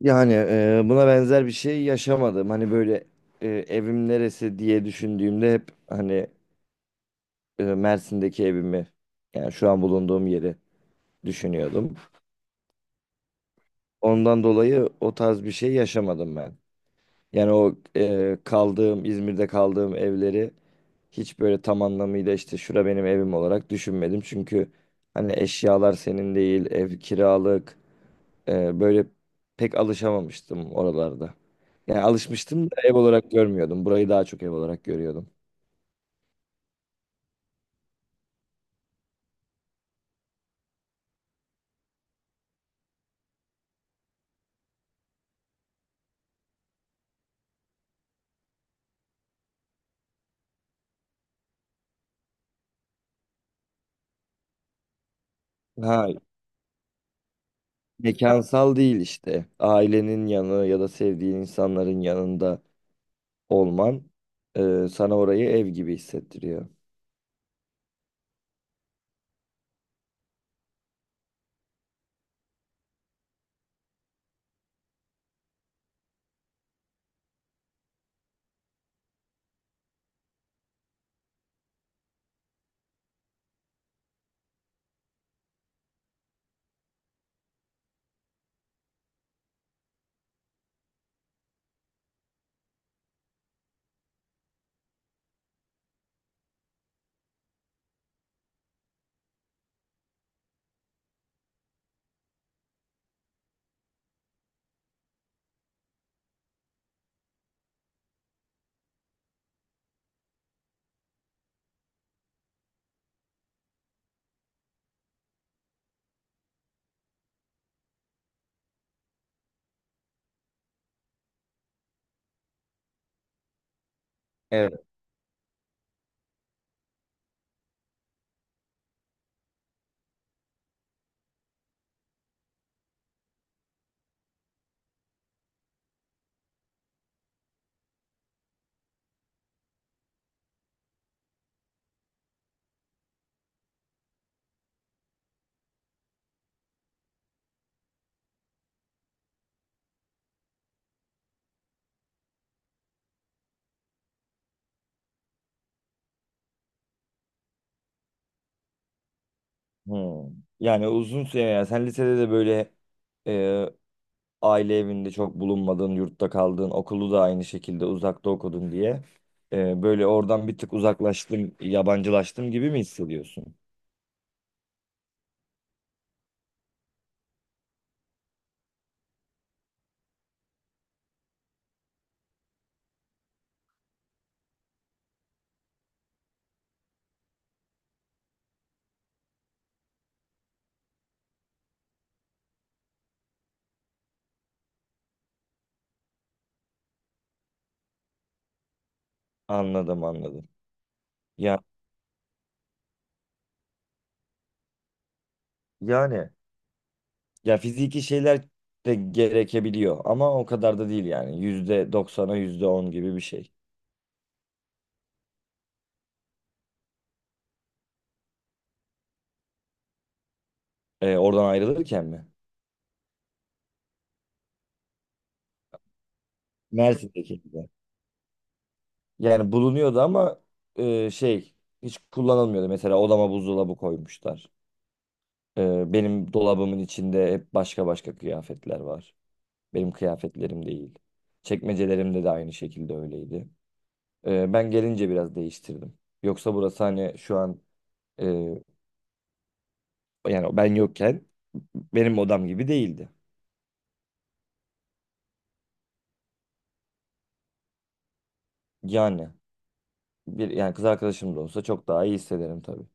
Yani buna benzer bir şey yaşamadım. Hani böyle evim neresi diye düşündüğümde hep hani Mersin'deki evimi yani şu an bulunduğum yeri düşünüyordum. Ondan dolayı o tarz bir şey yaşamadım ben. Yani o kaldığım İzmir'de kaldığım evleri hiç böyle tam anlamıyla işte şura benim evim olarak düşünmedim. Çünkü hani eşyalar senin değil, ev kiralık. Böyle pek alışamamıştım oralarda. Yani alışmıştım da ev olarak görmüyordum. Burayı daha çok ev olarak görüyordum. Ha, mekansal değil işte. Ailenin yanı ya da sevdiğin insanların yanında olman sana orayı ev gibi hissettiriyor. Evet. Hmm. Yani uzun süre yani sen lisede de böyle e, aile evinde çok bulunmadın, yurtta kaldın, okulu da aynı şekilde uzakta okudun diye böyle oradan bir tık uzaklaştım, yabancılaştım gibi mi hissediyorsun? Anladım, anladım. Ya, yani ya fiziki şeyler de gerekebiliyor ama o kadar da değil yani. Yüzde doksana yüzde on gibi bir şey. Oradan ayrılırken mi? Mersin'deki gibi. Yani bulunuyordu ama e, şey hiç kullanılmıyordu. Mesela odama buzdolabı koymuşlar. Benim dolabımın içinde hep başka başka kıyafetler var. Benim kıyafetlerim değil. Çekmecelerimde de aynı şekilde öyleydi. Ben gelince biraz değiştirdim. Yoksa burası hani şu an e, yani ben yokken benim odam gibi değildi. Yani bir yani kız arkadaşım da olsa çok daha iyi hissederim tabii.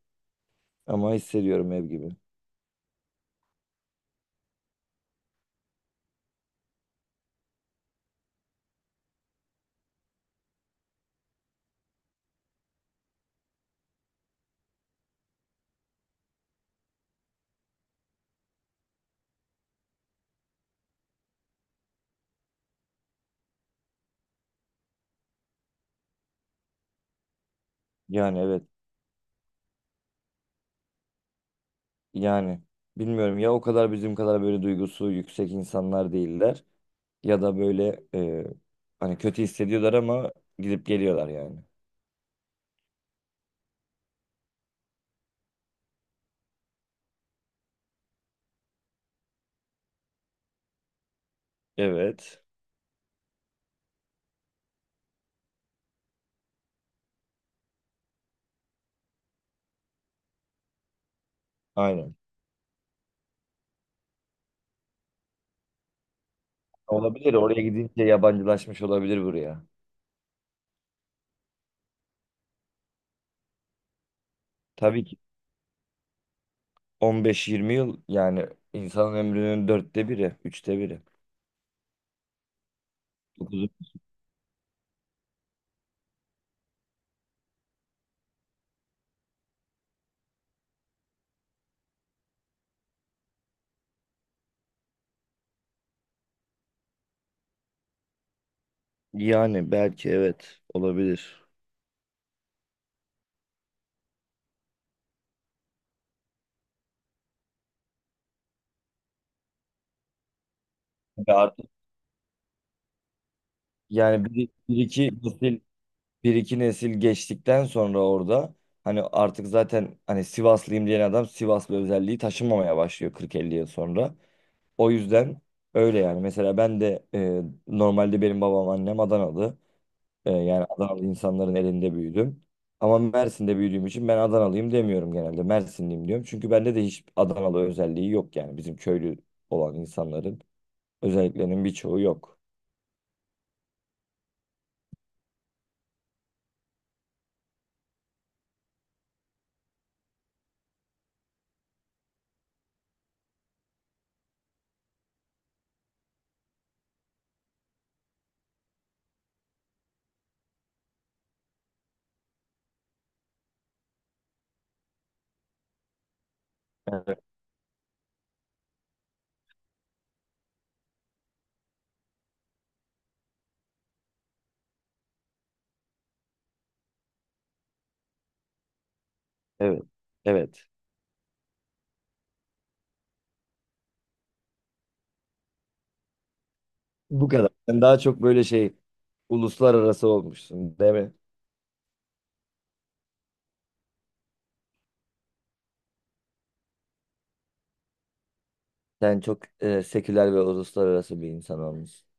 Ama hissediyorum ev gibi. Yani evet, yani bilmiyorum ya, o kadar bizim kadar böyle duygusu yüksek insanlar değiller ya da böyle hani kötü hissediyorlar ama gidip geliyorlar yani. Evet. Aynen. Olabilir. Oraya gidince yabancılaşmış olabilir buraya. Tabii ki 15-20 yıl yani insanın ömrünün dörtte biri, üçte biri. Yani belki evet, olabilir. Ve artık yani bir iki nesil, bir iki nesil geçtikten sonra orada hani artık zaten hani Sivaslıyım diyen adam Sivaslı özelliği taşınmamaya başlıyor 40-50 yıl sonra. O yüzden öyle yani. Mesela ben de normalde benim babam annem Adanalı. Yani Adanalı insanların elinde büyüdüm. Ama Mersin'de büyüdüğüm için ben Adanalıyım demiyorum genelde. Mersinliyim diyorum. Çünkü bende de hiç Adanalı özelliği yok yani bizim köylü olan insanların. Özelliklerinin birçoğu yok. Evet, evet. Evet. Bu kadar. Sen daha çok böyle şey, uluslararası olmuşsun, değil mi? Sen çok seküler ve uluslararası bir insan olmuşsun.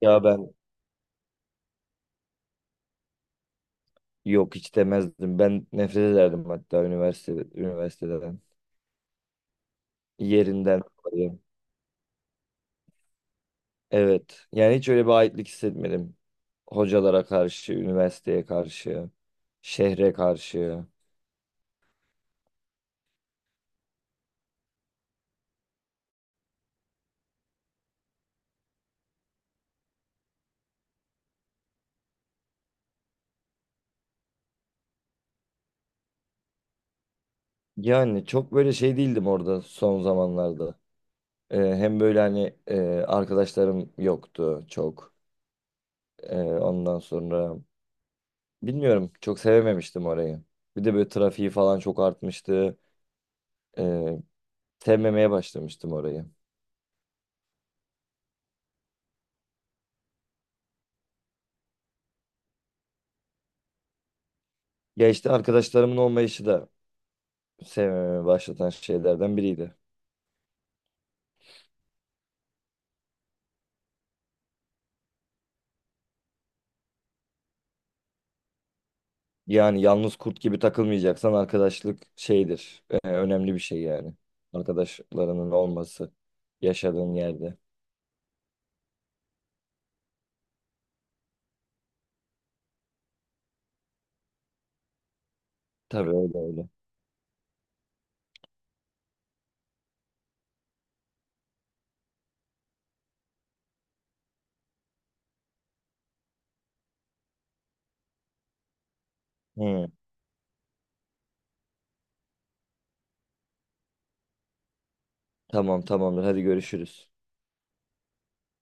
Ya ben yok, hiç demezdim. Ben nefret ederdim hatta üniversiteden. Yerinden dolayı. Evet. Yani hiç öyle bir aitlik hissetmedim. Hocalara karşı, üniversiteye karşı, şehre karşı. Yani çok böyle şey değildim orada son zamanlarda. Hem böyle hani arkadaşlarım yoktu çok. Ondan sonra bilmiyorum, çok sevememiştim orayı. Bir de böyle trafiği falan çok artmıştı. Ee, Sevmemeye başlamıştım orayı. Ya işte arkadaşlarımın olmayışı da sevmemeye başlatan şeylerden biriydi. Yani yalnız kurt gibi takılmayacaksan arkadaşlık şeydir. Önemli bir şey yani. Arkadaşlarının olması yaşadığın yerde. Tabii, öyle öyle. Hı, tamam, tamamdır, hadi görüşürüz.